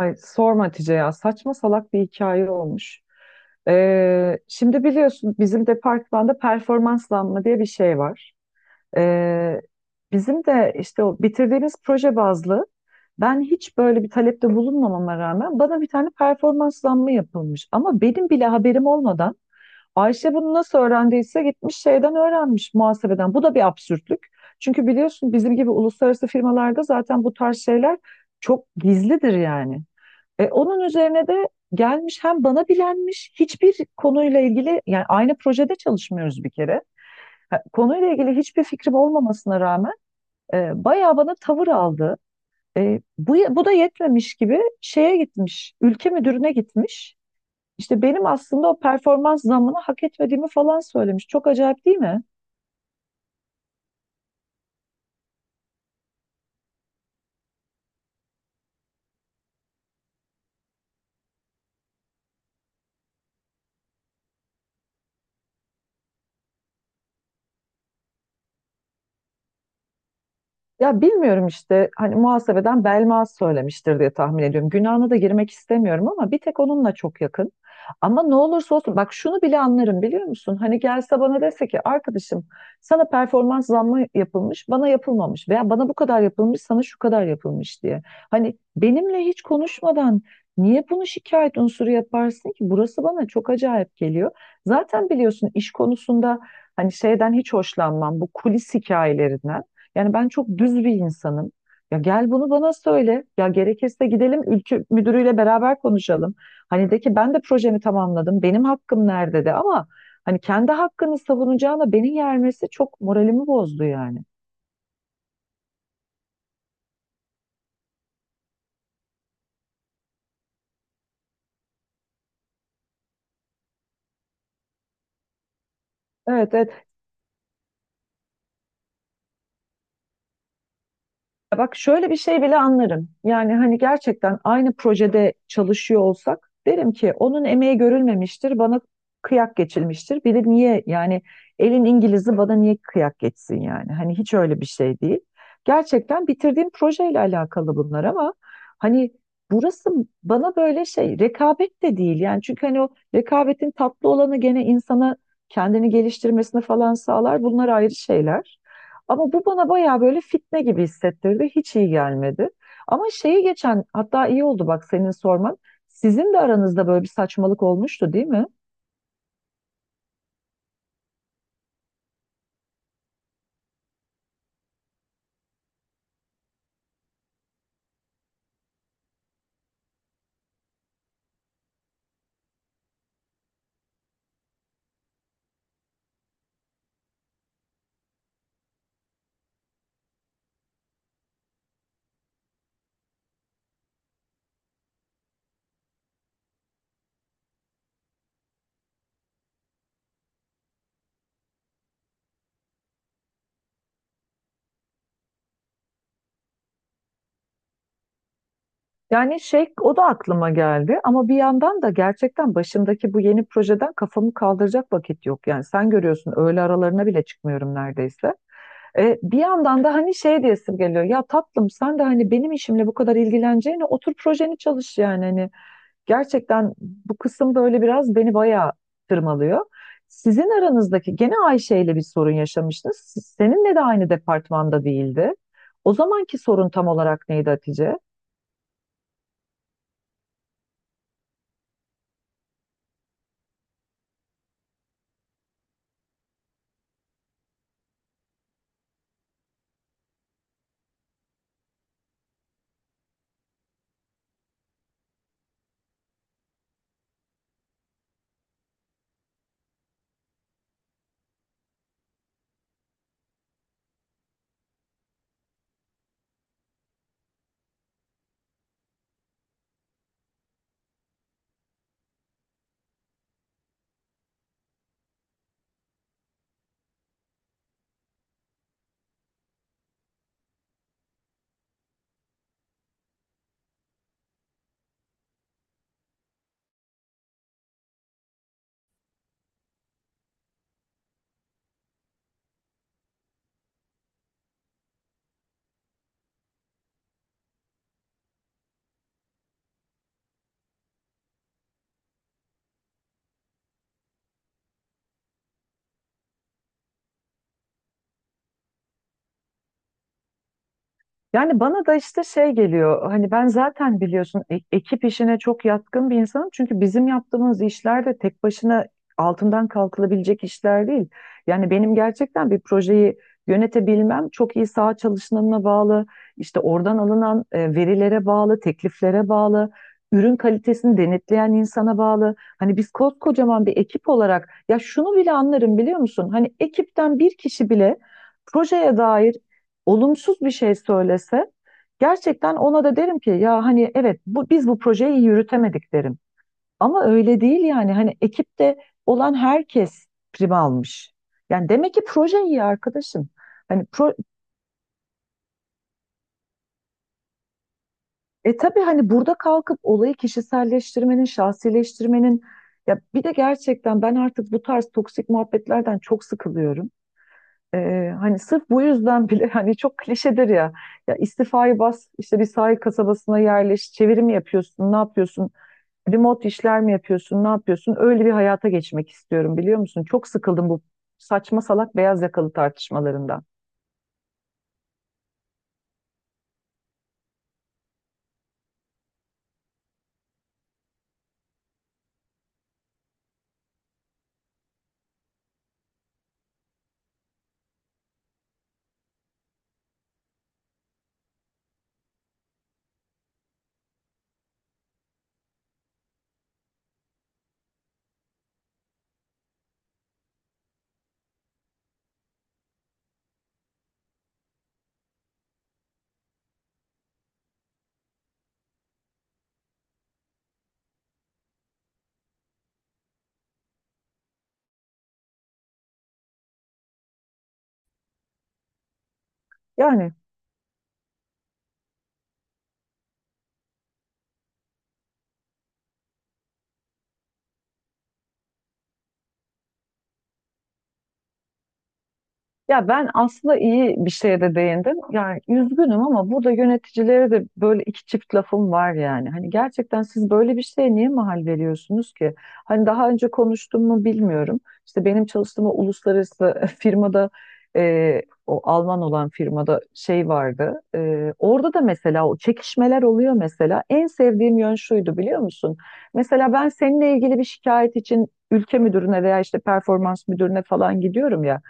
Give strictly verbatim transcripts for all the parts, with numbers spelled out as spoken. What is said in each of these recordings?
Ay sorma Hatice, ya saçma salak bir hikaye olmuş. Ee, şimdi biliyorsun bizim departmanda performanslanma diye bir şey var. Ee, Bizim de işte o bitirdiğimiz proje bazlı, ben hiç böyle bir talepte bulunmamama rağmen bana bir tane performanslanma yapılmış. Ama benim bile haberim olmadan Ayşe bunu nasıl öğrendiyse gitmiş şeyden öğrenmiş, muhasebeden. Bu da bir absürtlük. Çünkü biliyorsun bizim gibi uluslararası firmalarda zaten bu tarz şeyler çok gizlidir yani. E, onun üzerine de gelmiş, hem bana bilenmiş hiçbir konuyla ilgili, yani aynı projede çalışmıyoruz bir kere. Ha, konuyla ilgili hiçbir fikrim olmamasına rağmen e, bayağı bana tavır aldı. E, bu, bu da yetmemiş gibi şeye gitmiş, ülke müdürüne gitmiş. İşte benim aslında o performans zammını hak etmediğimi falan söylemiş. Çok acayip değil mi? Ya bilmiyorum işte, hani muhasebeden Belmaz söylemiştir diye tahmin ediyorum. Günahına da girmek istemiyorum ama bir tek onunla çok yakın. Ama ne olursa olsun, bak şunu bile anlarım biliyor musun? Hani gelse bana dese ki arkadaşım, sana performans zammı yapılmış bana yapılmamış, veya bana bu kadar yapılmış sana şu kadar yapılmış diye. Hani benimle hiç konuşmadan niye bunu şikayet unsuru yaparsın ki? Burası bana çok acayip geliyor. Zaten biliyorsun iş konusunda hani şeyden hiç hoşlanmam, bu kulis hikayelerinden. Yani ben çok düz bir insanım. Ya gel bunu bana söyle. Ya gerekirse gidelim ülke müdürüyle beraber konuşalım. Hani de ki ben de projemi tamamladım, benim hakkım nerede de, ama hani kendi hakkını savunacağına beni yermesi çok moralimi bozdu yani. Evet, evet. Ya bak şöyle bir şey bile anlarım. Yani hani gerçekten aynı projede çalışıyor olsak derim ki onun emeği görülmemiştir, bana kıyak geçilmiştir. Bir de niye yani elin İngiliz'i bana niye kıyak geçsin yani? Hani hiç öyle bir şey değil. Gerçekten bitirdiğim projeyle alakalı bunlar ama hani, burası bana böyle şey, rekabet de değil yani, çünkü hani o rekabetin tatlı olanı gene insana kendini geliştirmesini falan sağlar. Bunlar ayrı şeyler. Ama bu bana bayağı böyle fitne gibi hissettirdi. Hiç iyi gelmedi. Ama şeyi, geçen hatta iyi oldu bak senin sorman. Sizin de aranızda böyle bir saçmalık olmuştu değil mi? Yani şey, o da aklıma geldi ama bir yandan da gerçekten başımdaki bu yeni projeden kafamı kaldıracak vakit yok. Yani sen görüyorsun öğle aralarına bile çıkmıyorum neredeyse. E, bir yandan da hani şey diyesim geliyor, ya tatlım sen de hani benim işimle bu kadar ilgileneceğine otur projeni çalış yani, hani, gerçekten bu kısım böyle biraz beni bayağı tırmalıyor. Sizin aranızdaki gene Ayşe ile bir sorun yaşamıştınız. Siz- Seninle de aynı departmanda değildi. O zamanki sorun tam olarak neydi Hatice? Yani bana da işte şey geliyor, hani ben zaten biliyorsun e- ekip işine çok yatkın bir insanım, çünkü bizim yaptığımız işler de tek başına altından kalkılabilecek işler değil. Yani benim gerçekten bir projeyi yönetebilmem çok iyi saha çalışmanına bağlı, işte oradan alınan e, verilere bağlı, tekliflere bağlı, ürün kalitesini denetleyen insana bağlı. Hani biz koskocaman bir ekip olarak ya, şunu bile anlarım biliyor musun? Hani ekipten bir kişi bile projeye dair olumsuz bir şey söylese, gerçekten ona da derim ki ya hani evet bu, biz bu projeyi iyi yürütemedik derim. Ama öyle değil yani, hani ekipte olan herkes prim almış. Yani demek ki proje iyi arkadaşım. Hani pro, e tabii hani burada kalkıp olayı kişiselleştirmenin, şahsileştirmenin, ya bir de gerçekten ben artık bu tarz toksik muhabbetlerden çok sıkılıyorum. Ee, hani sırf bu yüzden bile hani çok klişedir ya. Ya istifayı bas, işte bir sahil kasabasına yerleş, çeviri mi yapıyorsun, ne yapıyorsun? Remote işler mi yapıyorsun, ne yapıyorsun? Öyle bir hayata geçmek istiyorum biliyor musun? Çok sıkıldım bu saçma salak beyaz yakalı tartışmalarından. Yani. Ya ben aslında iyi bir şeye de değindim. Yani üzgünüm ama burada yöneticilere de böyle iki çift lafım var yani. Hani gerçekten siz böyle bir şeye niye mahal veriyorsunuz ki? Hani daha önce konuştum mu bilmiyorum. İşte benim çalıştığım o uluslararası firmada e, o Alman olan firmada şey vardı. E, orada da mesela o çekişmeler oluyor mesela. En sevdiğim yön şuydu biliyor musun? Mesela ben seninle ilgili bir şikayet için ülke müdürüne veya işte performans müdürüne falan gidiyorum ya.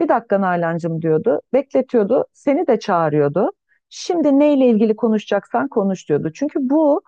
Bir dakika Nalan'cığım diyordu. Bekletiyordu. Seni de çağırıyordu. Şimdi neyle ilgili konuşacaksan konuş diyordu. Çünkü bu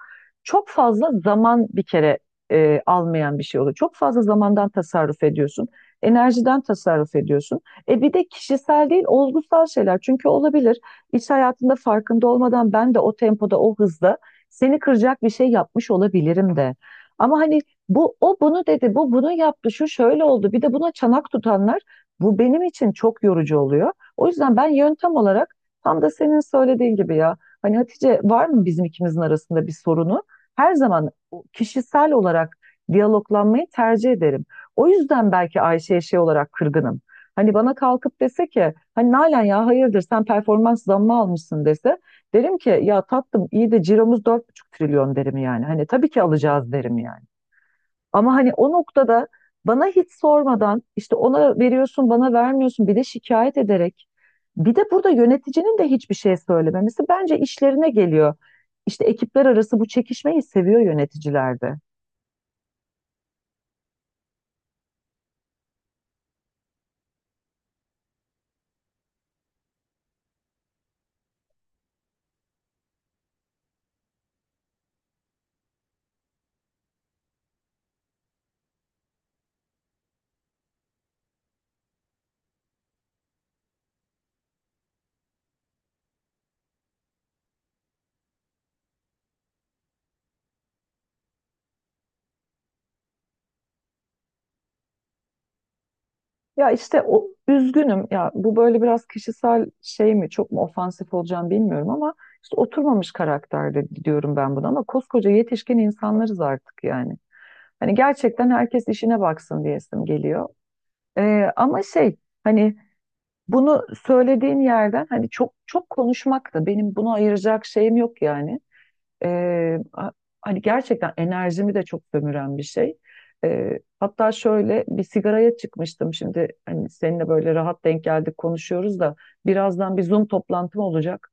çok fazla zaman bir kere e, almayan bir şey oluyor. Çok fazla zamandan tasarruf ediyorsun. Enerjiden tasarruf ediyorsun. E bir de kişisel değil, olgusal şeyler. Çünkü olabilir. İş hayatında farkında olmadan ben de o tempoda, o hızda seni kıracak bir şey yapmış olabilirim de. Ama hani bu o bunu dedi, bu bunu yaptı, şu şöyle oldu. Bir de buna çanak tutanlar, bu benim için çok yorucu oluyor. O yüzden ben yöntem olarak tam da senin söylediğin gibi ya. Hani Hatice, var mı bizim ikimizin arasında bir sorunu? Her zaman o kişisel olarak diyaloglanmayı tercih ederim. O yüzden belki Ayşe'ye şey olarak kırgınım. Hani bana kalkıp dese ki hani Nalan ya hayırdır sen performans zammı almışsın dese, derim ki ya tatlım iyi de ciromuz dört buçuk trilyon derim yani. Hani tabii ki alacağız derim yani. Ama hani o noktada bana hiç sormadan işte ona veriyorsun bana vermiyorsun, bir de şikayet ederek, bir de burada yöneticinin de hiçbir şey söylememesi bence işlerine geliyor. İşte ekipler arası bu çekişmeyi seviyor yöneticilerde. Ya işte o üzgünüm ya, bu böyle biraz kişisel şey mi çok mu ofansif olacağım bilmiyorum ama işte oturmamış karakterde diyorum ben buna, ama koskoca yetişkin insanlarız artık yani. Hani gerçekten herkes işine baksın diyesim geliyor. Ee, ama şey hani, bunu söylediğin yerden hani çok çok konuşmak da benim bunu ayıracak şeyim yok yani. Ee, a- hani gerçekten enerjimi de çok sömüren bir şey. Ee, hatta şöyle bir sigaraya çıkmıştım, şimdi hani seninle böyle rahat denk geldik konuşuyoruz da birazdan bir Zoom toplantım olacak.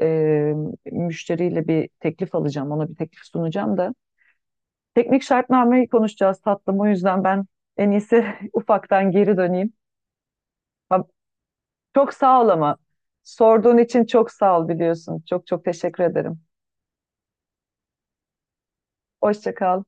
Ee, müşteriyle bir teklif alacağım, ona bir teklif sunacağım da. Teknik şartnameyi konuşacağız tatlım, o yüzden ben en iyisi ufaktan geri döneyim. Ha- çok sağ ol ama. Sorduğun için çok sağ ol biliyorsun. Çok çok teşekkür ederim. Hoşça kal.